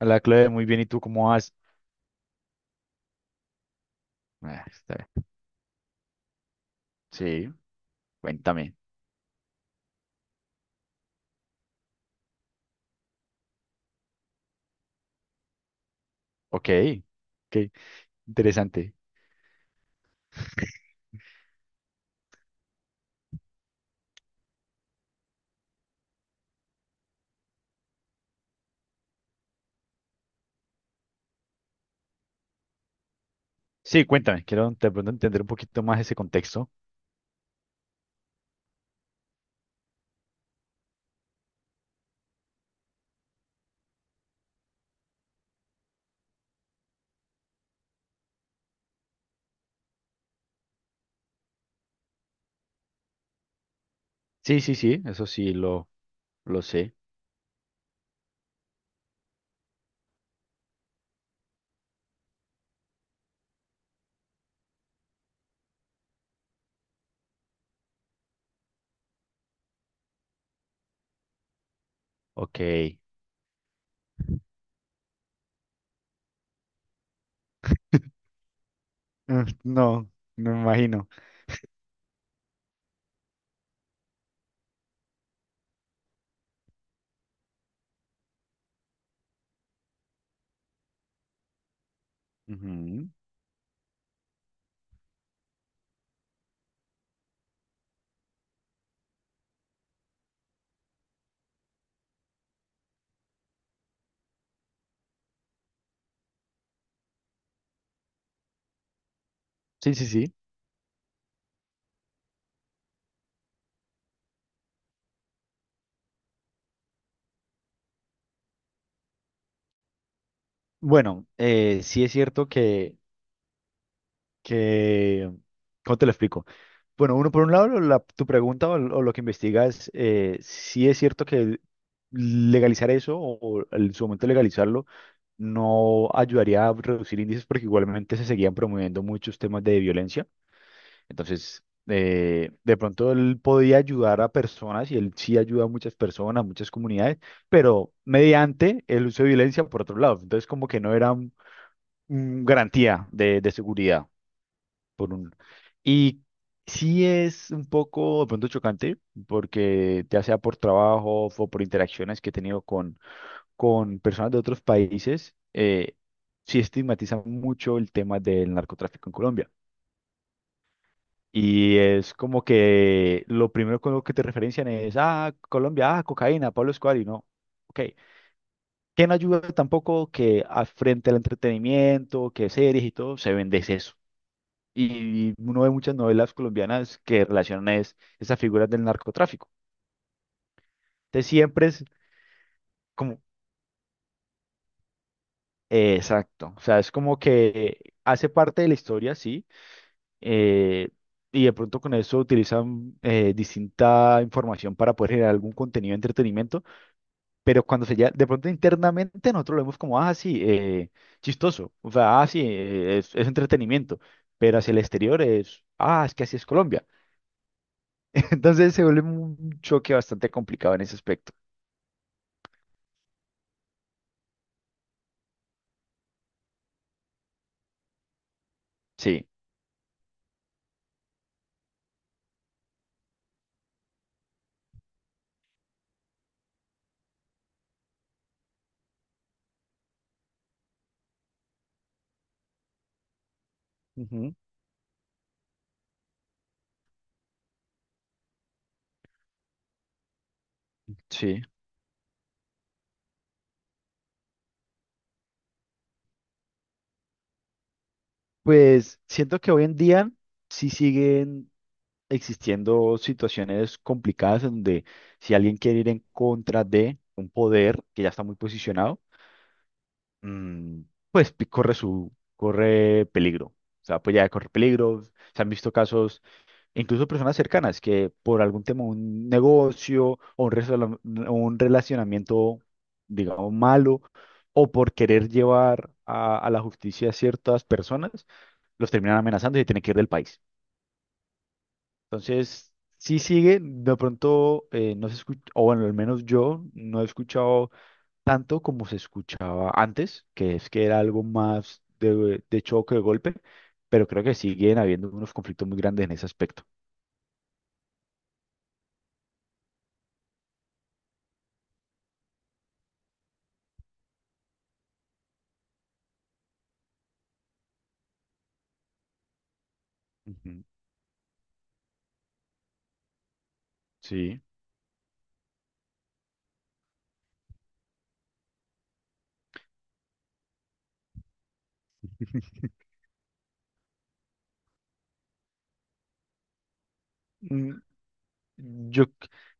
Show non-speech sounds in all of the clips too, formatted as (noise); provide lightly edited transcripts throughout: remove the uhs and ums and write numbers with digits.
Hola, Chloe, muy bien. ¿Y tú cómo vas? Ah, está bien. Sí, cuéntame. Ok, ok, interesante. Sí, cuéntame. Quiero de pronto entender un poquito más ese contexto. Sí, sí, sí, eso sí, lo sé. Ok. Mm, no, no me imagino. Ujú. Sí, sí, sí. Bueno, sí es cierto que ¿cómo te lo explico? Bueno, uno por un lado, tu pregunta o lo que investigas, sí es cierto que legalizar eso o en su momento legalizarlo no ayudaría a reducir índices porque igualmente se seguían promoviendo muchos temas de violencia. Entonces, de pronto él podía ayudar a personas y él sí ayuda a muchas personas, muchas comunidades, pero mediante el uso de violencia por otro lado. Entonces, como que no era garantía de seguridad por un... Y sí es un poco de pronto chocante, porque ya sea por trabajo o por interacciones que he tenido con personas de otros países, sí estigmatiza mucho el tema del narcotráfico en Colombia. Y es como que lo primero con lo que te referencian es, ah, Colombia, ah, cocaína, Pablo Escobar, y no. Ok, que no ayuda tampoco que frente al entretenimiento, que series y todo, se vende y uno ve muchas novelas colombianas que relacionan es, esas figuras del narcotráfico. Entonces siempre es como, exacto, o sea, es como que hace parte de la historia, sí, eh, y de pronto con eso utilizan distinta información para poder generar algún contenido de entretenimiento, pero cuando se ya, de pronto internamente nosotros lo vemos como, ah, sí, chistoso, o sea, ah, sí, es entretenimiento, pero hacia el exterior es, ah, es que así es Colombia. (laughs) Entonces se vuelve un choque bastante complicado en ese aspecto. Sí, ujú, sí. Pues siento que hoy en día sí siguen existiendo situaciones complicadas en donde si alguien quiere ir en contra de un poder que ya está muy posicionado, mm, pues corre corre peligro. O sea, pues ya corre peligro. Se han visto casos incluso personas cercanas que por algún tema, un negocio o un, un relacionamiento, digamos, malo, o por querer llevar a la justicia a ciertas personas, los terminan amenazando y se tienen que ir del país. Entonces, sí sigue, de pronto no se escucha, o bueno, al menos yo no he escuchado tanto como se escuchaba antes, que es que era algo más de choque, de golpe, pero creo que siguen habiendo unos conflictos muy grandes en ese aspecto. Ujú, sí. Mm, Yo, c-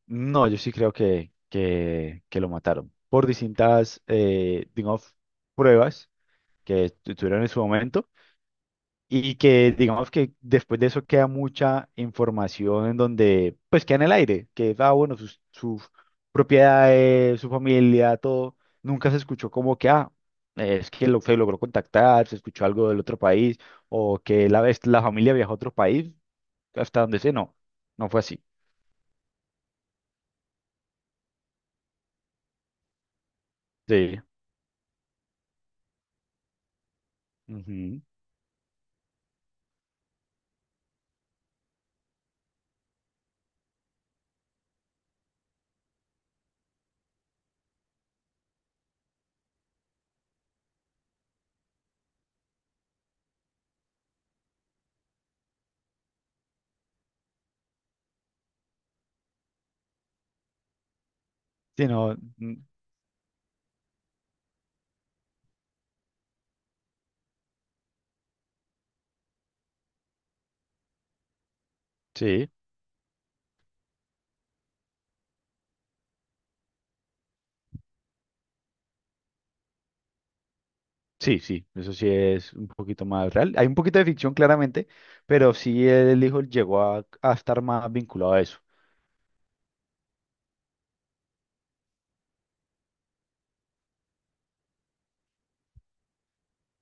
no, yo sí creo que lo mataron por distintas, digamos, pruebas que tuvieron en su momento y que, digamos, que después de eso queda mucha información en donde, pues, queda en el aire, que, ah, bueno, sus propiedades, su familia, todo, nunca se escuchó como que, ah, es que lo, se logró contactar, se escuchó algo del otro país o que la familia viajó a otro país, hasta donde sé, no, no fue así. Sí. Ujú. Sí, no, mm, sí, sí, sí, eso sí es un poquito más real. Hay un poquito de ficción claramente, pero sí el hijo llegó a estar más vinculado a eso.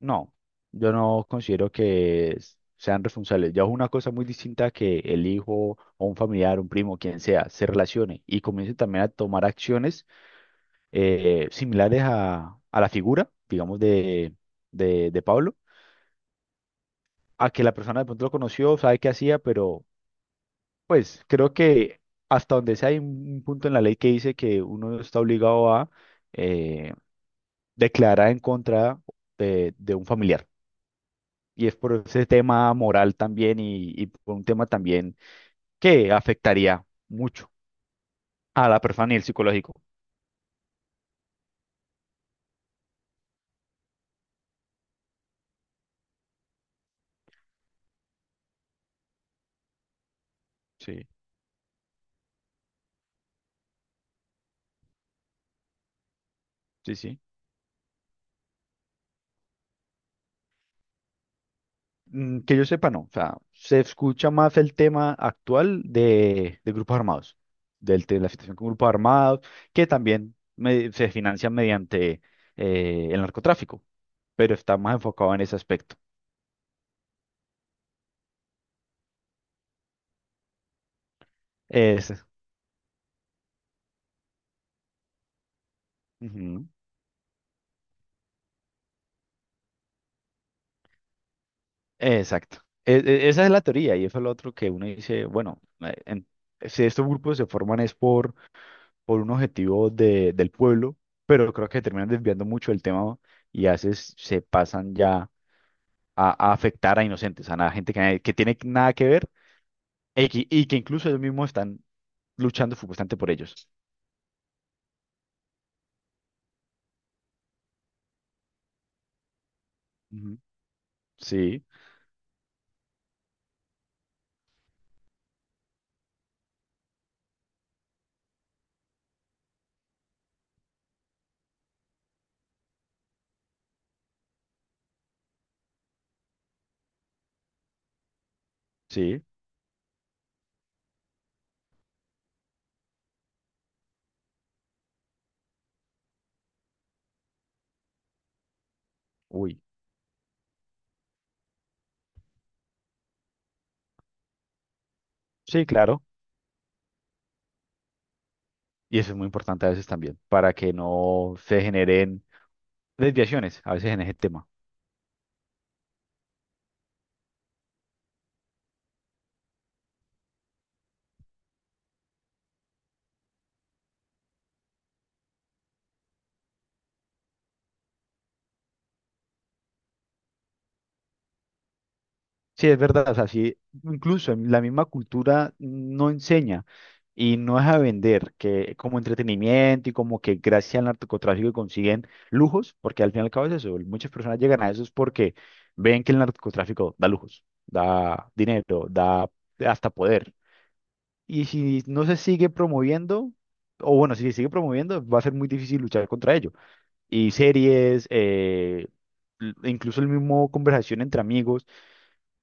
No, yo no considero que sean responsables. Ya es una cosa muy distinta que el hijo o un familiar, un primo, quien sea, se relacione y comience también a tomar acciones similares a la figura, digamos, de Pablo, a que la persona de pronto lo conoció, sabe qué hacía, pero pues creo que hasta donde sea hay un punto en la ley que dice que uno está obligado a eh, declarar en contra de un familiar. Y es por ese tema moral también y por un tema también que afectaría mucho a la persona y el psicológico. Sí, sí, sí. Mm, que yo sepa, no. O sea, se escucha más el tema actual de grupos armados, de la situación con grupos armados, que también se financia mediante el narcotráfico, pero está más enfocado en ese aspecto. Ese. Ujú, exacto. Esa es la teoría y eso es lo otro que uno dice, bueno, en- si estos grupos se forman es por un objetivo del pueblo, pero creo que terminan desviando mucho el tema y a veces se pasan ya a afectar a inocentes, a nada- gente que tiene nada que ver y que incluso ellos mismos están luchando supuestamente por ellos. Ujú. Sí, sí, uy, sí, claro. Y eso es muy importante a veces también, para que no se generen desviaciones a veces en ese tema. Sí, es verdad, o sea, sí, incluso en la misma cultura no enseña y no es a vender que como entretenimiento y como que gracias al narcotráfico consiguen lujos, porque al fin y al cabo es eso, muchas personas llegan a eso es porque ven que el narcotráfico da lujos, da dinero, da hasta poder. Y si no se sigue promoviendo, o bueno, si se sigue promoviendo, va a ser muy difícil luchar contra ello. Y series, l- incluso el mismo conversación entre amigos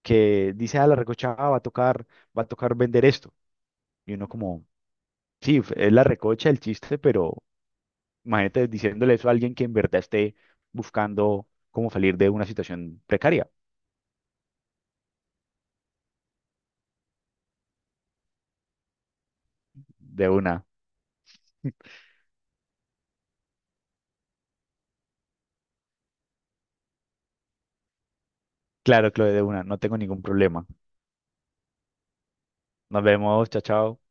que dice, ah, la recocha ah, va a tocar vender esto. Y uno como, sí, es la recocha el chiste, pero imagínate diciéndole eso a alguien que en verdad esté buscando cómo salir de una situación precaria, de una. Claro, Chloe, de una, no tengo ningún problema. Nos vemos, chao, chao.